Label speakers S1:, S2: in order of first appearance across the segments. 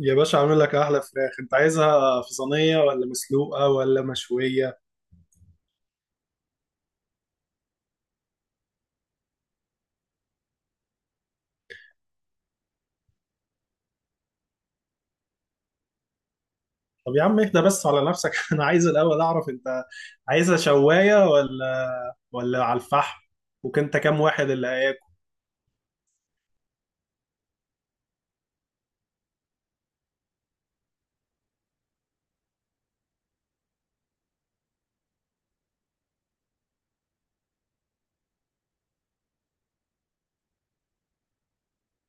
S1: يا باشا عامل لك احلى فراخ، انت عايزها في صينيه ولا مسلوقه ولا مشويه؟ طب يا عم اهدى بس على نفسك. انا عايز الاول اعرف انت عايزها شوايه ولا على الفحم، وكنت كام واحد اللي هياكل؟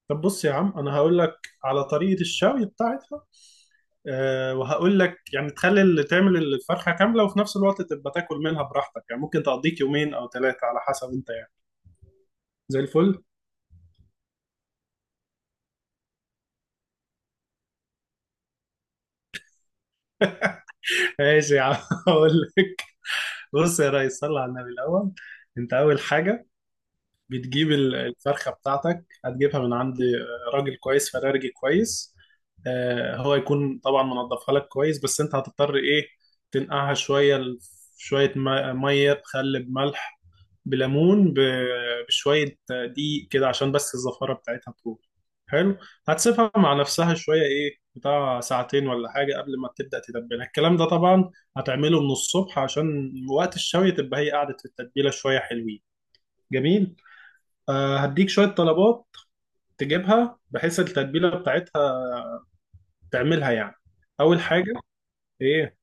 S1: طب بص يا عم انا هقول لك على طريقه الشوي بتاعتها. أه وهقول لك يعني تخلي اللي تعمل الفرخه كامله، وفي نفس الوقت تبقى تاكل منها براحتك. يعني ممكن تقضيك يومين او ثلاثه على حسب انت، يعني زي الفل. ماشي يا عم هقول لك. بص يا ريس، صل على النبي الاول. انت اول حاجه بتجيب الفرخة بتاعتك، هتجيبها من عند راجل كويس، فرارجي كويس. هو يكون طبعا منضفها لك كويس، بس انت هتضطر ايه، تنقعها شوية شوية مية بخل بملح بليمون بشوية دقيق كده، عشان بس الزفارة بتاعتها تروح. حلو، هتسيبها مع نفسها شوية، ايه بتاع ساعتين ولا حاجة، قبل ما تبدأ تتبلها. الكلام ده طبعا هتعمله من الصبح، عشان وقت الشوي تبقى هي قعدت في التتبيلة شوية حلوين. جميل، فهديك شوية طلبات تجيبها، بحيث التتبيلة بتاعتها تعملها يعني. أول حاجة، إيه؟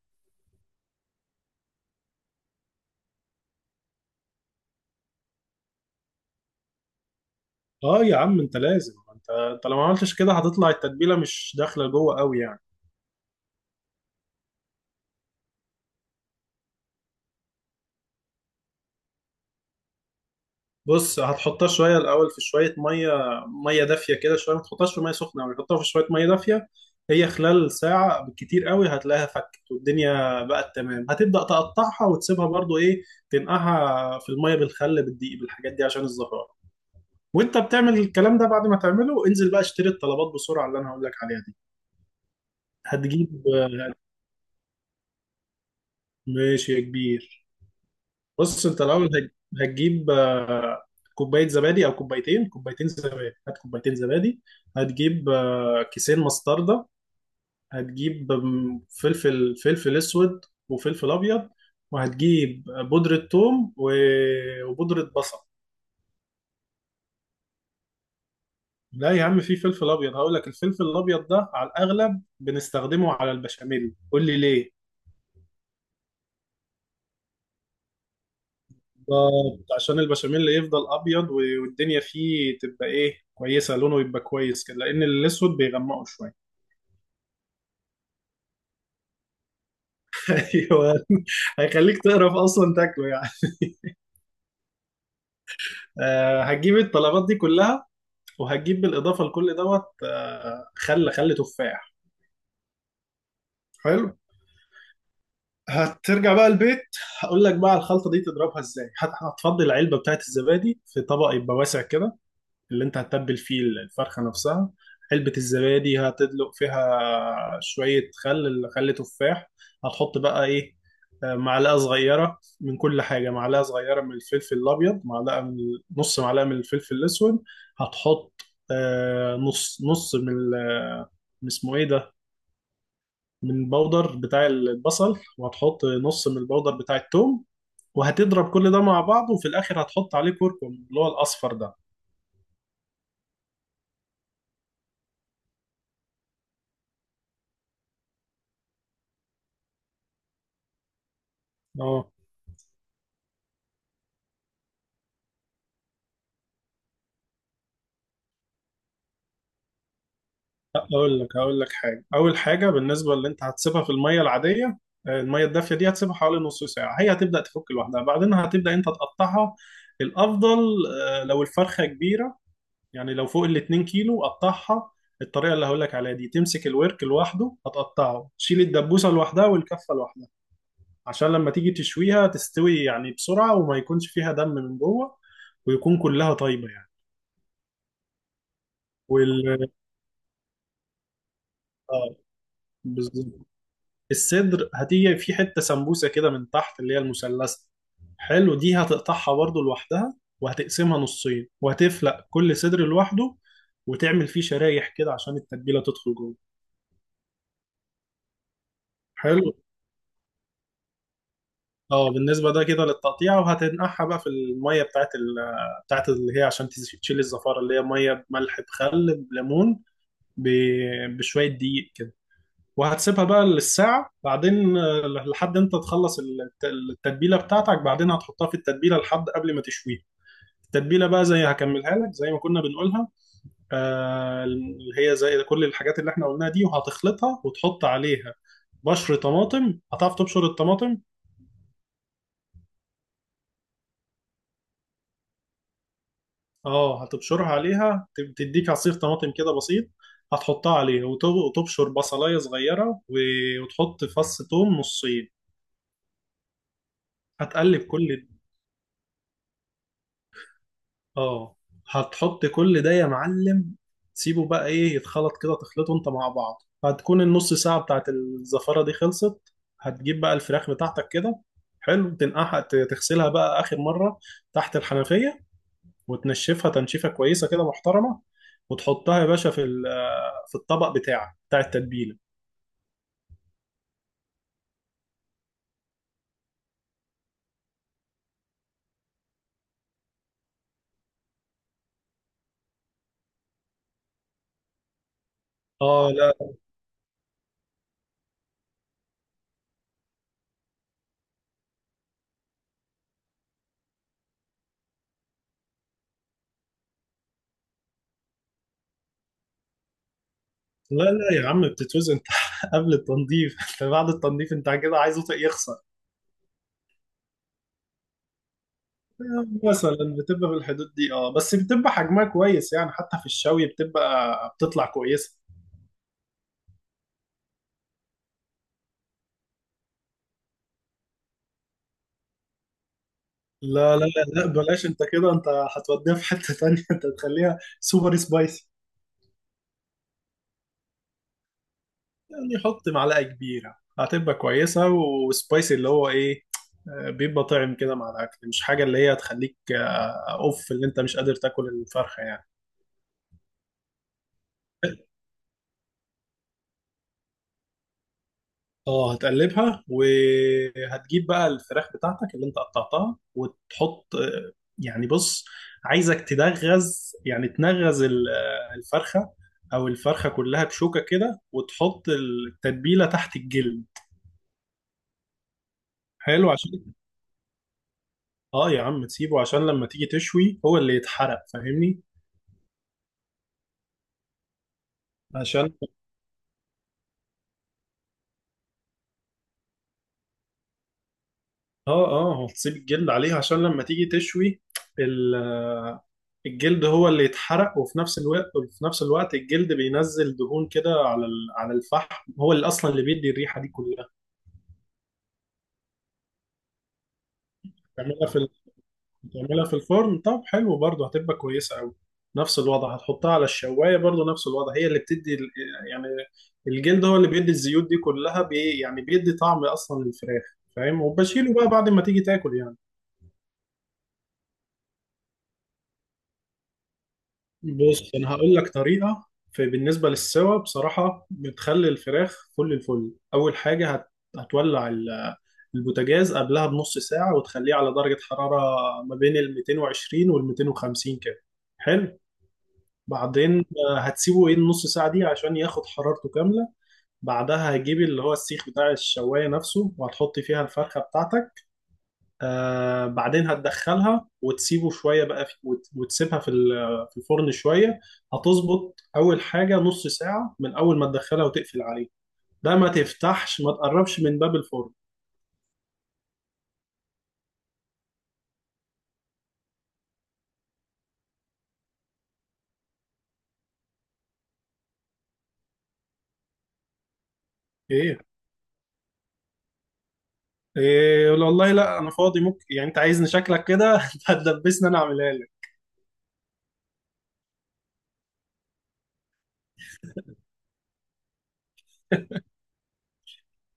S1: آه يا عم أنت لازم، أنت لو ما عملتش كده هتطلع التتبيلة مش داخلة جوه أوي يعني. بص هتحطها شوية الأول في شوية مية، مية دافية كده شوية، ما تحطهاش في مية سخنة أوي، حطها في شوية مية دافية. هي خلال ساعة بالكتير قوي هتلاقيها فكت، والدنيا بقت تمام، هتبدأ تقطعها وتسيبها برضو إيه، تنقعها في المية بالخل بالدقيق بالحاجات دي عشان الزفرة. وانت بتعمل الكلام ده، بعد ما تعمله انزل بقى اشتري الطلبات بسرعه اللي انا هقول لك عليها دي. هتجيب ماشي يا كبير. بص انت الاول هتجيب كوبايه زبادي او كوبايتين، كوبايتين زبادي هات كوبايتين زبادي. هتجيب كيسين مستردة. هتجيب فلفل، فلفل اسود وفلفل ابيض. وهتجيب بودره ثوم وبودره بصل. لا يا عم، في فلفل ابيض. هقول لك، الفلفل الابيض ده على الاغلب بنستخدمه على البشاميل، قول لي ليه. بالظبط، عشان البشاميل يفضل ابيض والدنيا فيه تبقى ايه، كويسه، لونه يبقى كويس كده، لان الاسود بيغمقه شويه. ايوه، هيخليك تقرف اصلا تاكله يعني. آه هتجيب الطلبات دي كلها، وهتجيب بالاضافه لكل دوت خل، خل تفاح. حلو، هترجع بقى البيت. هقول لك بقى الخلطه دي تضربها ازاي. هتفضي العلبه بتاعت الزبادي في طبق يبقى واسع كده، اللي انت هتتبل فيه الفرخة نفسها. علبة الزبادي هتدلق فيها شوية خل، خل تفاح. هتحط بقى ايه، معلقة صغيرة من كل حاجة، معلقة صغيرة من الفلفل الأبيض، معلقة من نص معلقة من الفلفل الأسود. هتحط نص، نص من من اسمه ايه ده، من البودر بتاع البصل، وهتحط نص من البودر بتاع التوم. وهتضرب كل ده مع بعض، وفي الآخر هتحط عليه كركم، اللي هو الأصفر ده. اقول لك، هقول لك حاجه. اول حاجه بالنسبه اللي انت هتسيبها في الميه العاديه، الميه الدافيه دي، هتسيبها حوالي نص ساعه، هي هتبدا تفك لوحدها، بعدين هتبدا انت تقطعها. الافضل لو الفرخه كبيره، يعني لو فوق ال 2 كيلو قطعها. الطريقه اللي هقول لك عليها دي، تمسك الورك لوحده هتقطعه، تشيل الدبوسه لوحدها والكفه لوحدها، عشان لما تيجي تشويها تستوي يعني بسرعه، وما يكونش فيها دم من جوه، ويكون كلها طيبه يعني. وال اه بالظبط. الصدر هتيجي في حتة سمبوسة كده من تحت، اللي هي المثلثة، حلو، دي هتقطعها برضو لوحدها، وهتقسمها نصين، وهتفلق كل صدر لوحده، وتعمل فيه شرايح كده عشان التتبيلة تدخل جوه. حلو، اه بالنسبة ده كده للتقطيع. وهتنقعها بقى في المية بتاعت ال بتاعت اللي هي عشان تشيل الزفارة، اللي هي مية بملح بخل بليمون بشوية دقيق كده. وهتسيبها بقى للساعة، بعدين لحد انت تخلص التتبيلة بتاعتك، بعدين هتحطها في التتبيلة لحد قبل ما تشويها. التتبيلة بقى زي هكملها لك زي ما كنا بنقولها، اللي هي زي كل الحاجات اللي احنا قلناها دي، وهتخلطها وتحط عليها بشر طماطم. هتعرف تبشر الطماطم؟ اه هتبشرها عليها، تديك عصير طماطم كده بسيط، هتحطها عليه، وتبشر بصلاية صغيرة وتحط فص توم نصين. هتقلب كل، اه هتحط كل ده يا معلم، سيبه بقى ايه يتخلط كده، تخلطه انت مع بعض. هتكون النص ساعة بتاعت الزفارة دي خلصت، هتجيب بقى الفراخ بتاعتك كده، حلو، تنقعها، تغسلها بقى آخر مرة تحت الحنفية، وتنشفها تنشيفة كويسة كده محترمة، وتحطها يا باشا في في الطبق بتاعك بتاع التتبيلة. اه، لا لا لا يا عم، بتتوزن انت قبل التنظيف، انت بعد التنظيف انت كده عايزه يخسر. مثلا بتبقى في الحدود دي، اه، بس بتبقى حجمها كويس يعني، حتى في الشوي بتبقى بتطلع كويسة. لا لا لا لا بلاش، انت كده انت هتوديها في حتة تانية. انت تخليها سوبر سبايسي، يعني حط معلقة كبيرة هتبقى كويسة وسبايسي. اللي هو ايه، بيبقى طعم كده مع الاكل، مش حاجة اللي هي تخليك اوف، اللي انت مش قادر تاكل الفرخة يعني. اه هتقلبها، وهتجيب بقى الفراخ بتاعتك اللي انت قطعتها، وتحط يعني بص، عايزك تدغز، يعني تنغز الفرخة، او الفرخة كلها بشوكة كده، وتحط التتبيلة تحت الجلد. حلو عشان، اه يا عم تسيبه، عشان لما تيجي تشوي هو اللي يتحرق، فاهمني؟ عشان اه، اه هتسيب الجلد عليها عشان لما تيجي تشوي ال- آه، الجلد هو اللي يتحرق، وفي نفس الوقت، وفي نفس الوقت الجلد بينزل دهون كده على على الفحم، هو اللي اصلا اللي بيدي الريحة دي كلها. تعملها في تعملها في الفرن، طب حلو برضه هتبقى كويسة قوي. نفس الوضع هتحطها على الشواية، برضه نفس الوضع، هي اللي بتدي يعني الجلد هو اللي بيدي الزيوت دي كلها، يعني بيدي طعم اصلا للفراخ، فاهم، وبشيله بقى بعد ما تيجي تاكل يعني. بص انا هقول لك طريقه، في بالنسبه للسوا بصراحه، بتخلي الفراخ فل الفل. اول حاجه هتولع البوتاجاز قبلها بنص ساعه، وتخليه على درجه حراره ما بين ال 220 وال 250 كده. حلو، بعدين هتسيبه ايه النص ساعه دي عشان ياخد حرارته كامله. بعدها هجيب اللي هو السيخ بتاع الشوايه نفسه، وهتحط فيها الفرخه بتاعتك. آه بعدين هتدخلها وتسيبه شوية بقى في، وتسيبها في في الفرن شوية. هتظبط أول حاجة نص ساعة من أول ما تدخلها وتقفل عليه، ده ما تفتحش، ما تقربش من باب الفرن. إيه، إيه يقول؟ والله لا أنا فاضي، ممكن يعني، أنت عايزني شكلك كده. أنت هتدبسني أنا أعملها لك.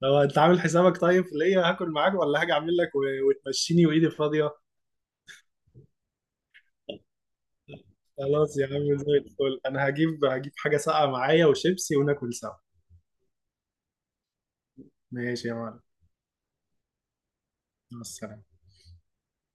S1: لو أنت عامل حسابك طيب في ليا هاكل معاك، ولا هاجي أعمل لك وتمشيني وإيدي فاضية؟ خلاص يا عم زي الفل، أنا هجيب، حاجة ساقعة معايا وشيبسي، وناكل سوا. ماشي يا معلم، مع السلامة.